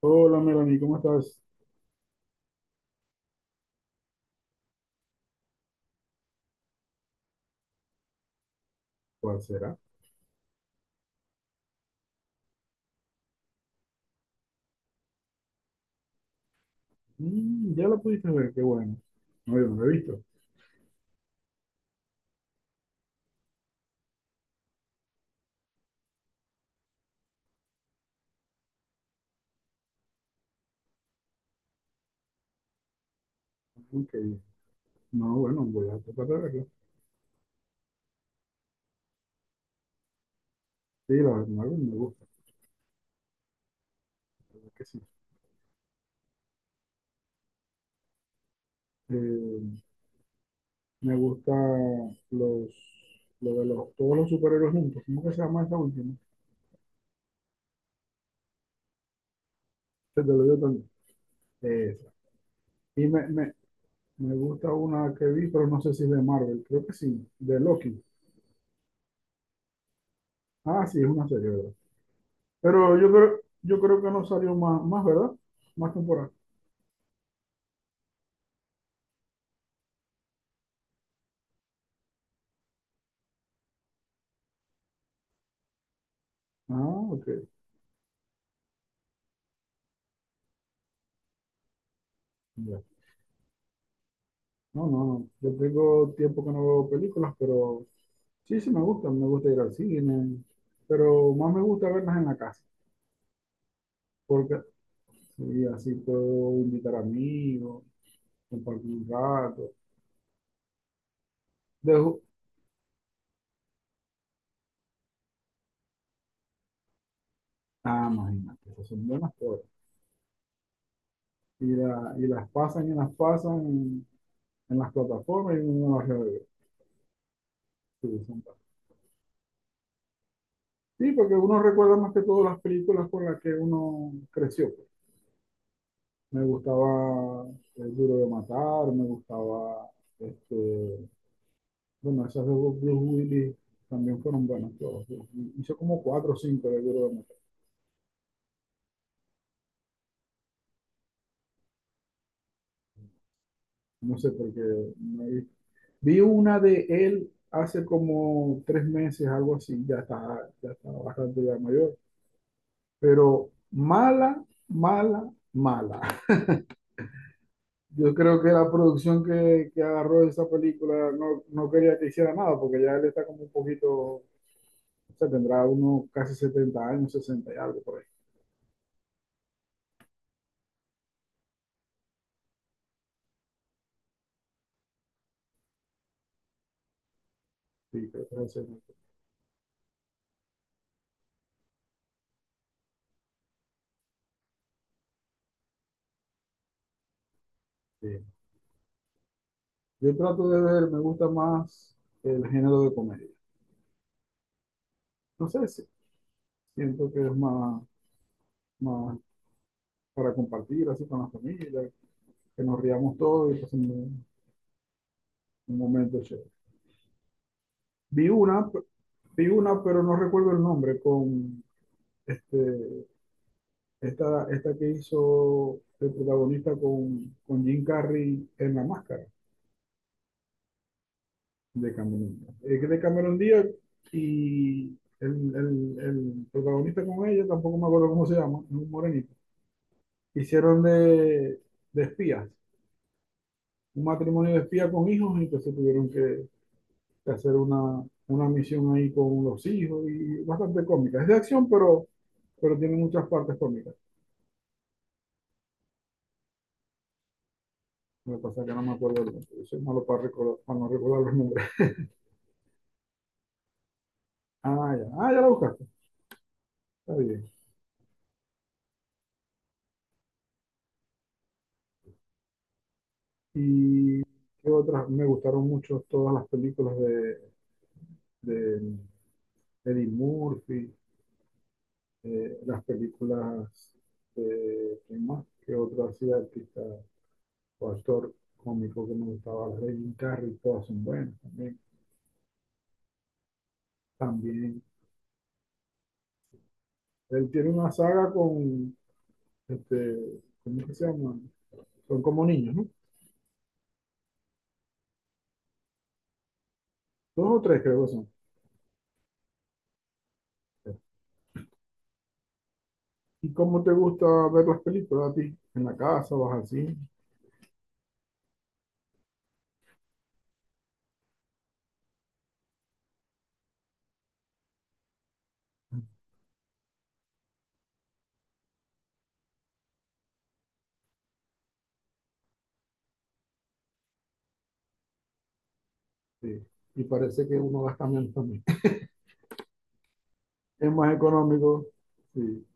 Hola Melanie, ¿cómo estás? ¿Cuál será? Mm, ya la pudiste ver, qué bueno. No, yo no la he visto. Ok. No, bueno, voy a tratar de verla. Sí, la verdad, me gusta, la verdad que sí. Eh, Me gusta los, lo de los, todos los superhéroes juntos. ¿Cómo que se llama esta última? Se te lo dio también. Esa. Y me gusta una que vi, pero no sé si es de Marvel, creo que sí, de Loki. Ah, sí, es una serie, ¿verdad? Pero yo creo que no salió más, ¿verdad? Más temporada. Ah, ok. Ya. No, no, no. Yo tengo tiempo que no veo películas, pero sí, sí me gustan. Me gusta ir al cine, pero más me gusta verlas en la casa, porque sí, así puedo invitar amigos, compartir un rato. Dejo, ah, imagínate, esas son buenas cosas. Y, y las pasan en las plataformas y uno las revive. Sí, son buenas. Sí, porque uno recuerda más que todas las películas con las que uno creció, pues. Me gustaba El Duro de Matar, me gustaba este, bueno, esas de Blue Willy también fueron buenas todas. Hizo como cuatro o cinco de Duro de Matar. No sé por qué no vi. Vi una de él hace como tres meses, algo así. Ya está bastante ya mayor. Pero mala, mala, mala. Yo creo que que agarró esa película no, no quería que hiciera nada, porque ya él está como un poquito, o sea, tendrá unos casi 70 años, 60 y algo por ahí. Sí, creo que es el 70. Sí. Yo trato de ver, me gusta más el género de comedia. No sé si siento que es más, más para compartir así con la familia, que nos riamos todos y pasemos un momento chévere. Vi una, vi una, pero no recuerdo el nombre, con este, esta que hizo el protagonista con Jim Carrey en La Máscara de Cameron Díaz. Es de Cameron Díaz y el protagonista con ella, tampoco me acuerdo cómo se llama, es un morenito, hicieron de espías, un matrimonio de espías con hijos, y entonces tuvieron que hacer una misión ahí con los hijos y bastante cómica. Es de acción, pero tiene muchas partes cómicas. Lo que pasa es que no me acuerdo el nombre, yo soy malo para recordar, para no recordar los nombres. Ah, ya, ah, ya la buscaste, está bien. Y qué otras, me gustaron mucho todas las películas de Eddie Murphy, las películas de, ¿quién más? ¿Qué otro así artista? Actor cómico que me gustaba, Raymond Carrey, todas son buenas también. También, él tiene una saga con, este, ¿cómo que se llama? Son como niños, ¿no? Dos o tres creo que son. ¿Y cómo te gusta ver las películas a ti? ¿En la casa, vas así? Sí. Y parece que uno gasta menos también. Es más económico, sí.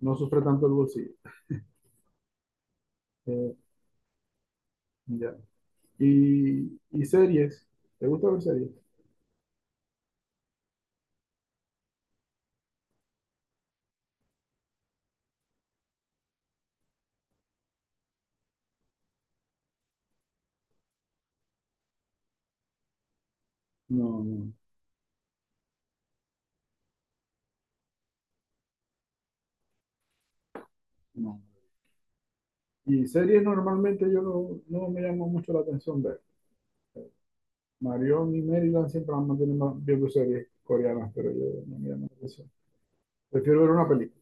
No sufre tanto el bolsillo. Eh, ya. Y series? ¿Te gusta ver series? No, no, no. Y series normalmente yo no, no me llamo mucho la atención ver. Marion y Maryland siempre han mantenido viendo series coreanas, pero yo no me llama la atención. Prefiero ver una película.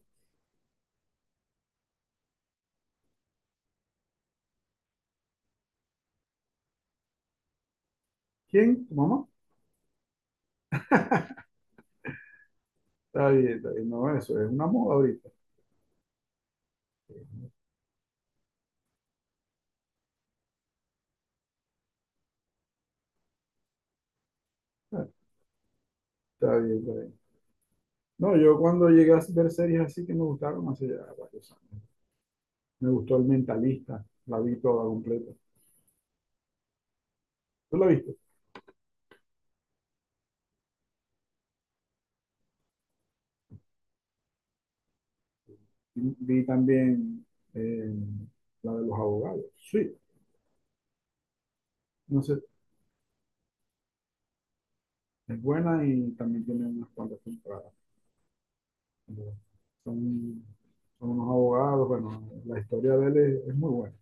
¿Quién? ¿Tu mamá? Está bien, está bien. No, eso es una moda ahorita. Ah, está bien, está bien. No, yo cuando llegué a ver series así que me gustaron hace ya varios años. Me gustó El Mentalista, la vi toda completa. ¿Tú la viste? Y vi también eh, la de los abogados. Sí, no sé, es buena y también tiene unas cuantas temporadas. Son, son unos abogados, bueno, la historia de él es muy buena.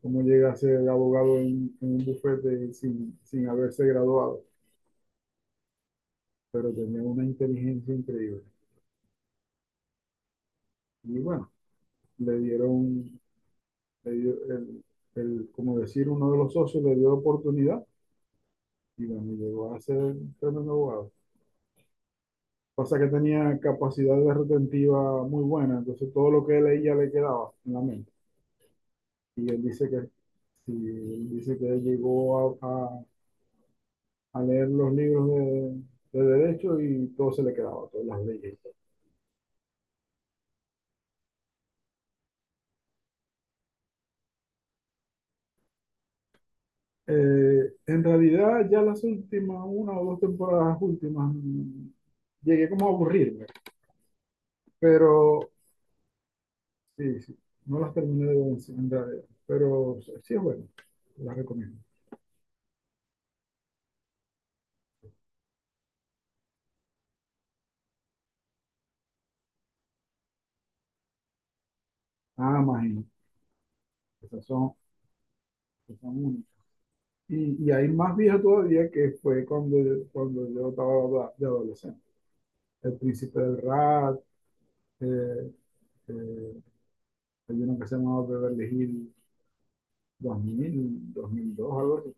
Cómo llega a ser abogado en un bufete sin, sin haberse graduado, pero tenía una inteligencia increíble. Y bueno, le dieron, le dio como decir, uno de los socios le dio la oportunidad y bueno, llegó a ser un tremendo abogado. Pasa que tenía capacidad de retentiva muy buena, entonces todo lo que él leía le quedaba en la mente. Y sí, él dice que llegó a leer los libros de derecho y todo se le quedaba, todas las leyes. En realidad, ya las últimas, una o dos temporadas últimas, llegué como a aburrirme, pero sí, sí, no las terminé de ver en realidad, pero sí es bueno, las recomiendo. Nada más, y esas son, esas son únicas. Y hay más vieja todavía que fue cuando cuando yo estaba de adolescente. El Príncipe del Rat, eh, eh, hay uno que se llamaba Beverly Hills 2000, 2002, algo así.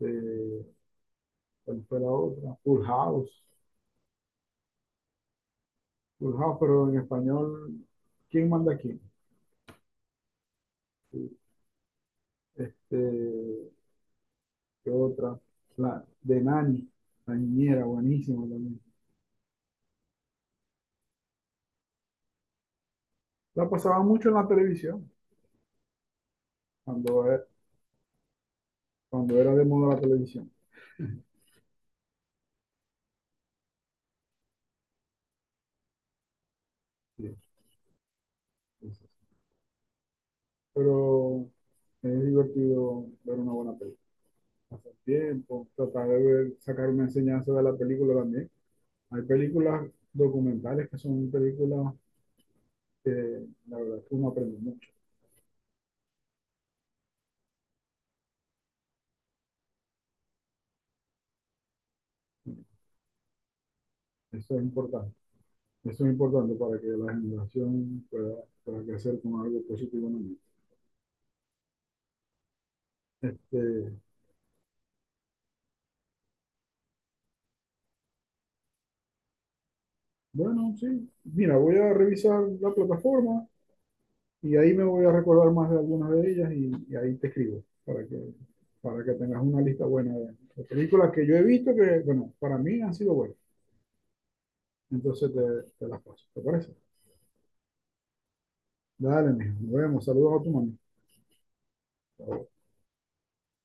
Eh, ¿Cuál fue la otra? Full House. Full House, pero en español, ¿quién manda a quién? Este, ¿qué otra? La de Nani, la niñera, buenísima también. La pasaba mucho en la televisión, cuando era, cuando era de moda la televisión. Sí, sí, sí. Pero es divertido ver una buena película. Pasar tiempo, tratar de sacar una enseñanza de la película también. Hay películas documentales que son películas que la verdad es que uno aprende mucho. Eso es importante. Eso es importante para que la generación pueda crecer con algo positivo en el mundo. Este, bueno, sí. Mira, voy a revisar la plataforma y ahí me voy a recordar más de algunas de ellas y ahí te escribo para que tengas una lista buena de películas que yo he visto que, bueno, para mí han sido buenas. Entonces te las paso. ¿Te parece? Dale, mijo. Nos vemos. Saludos a tu mamá.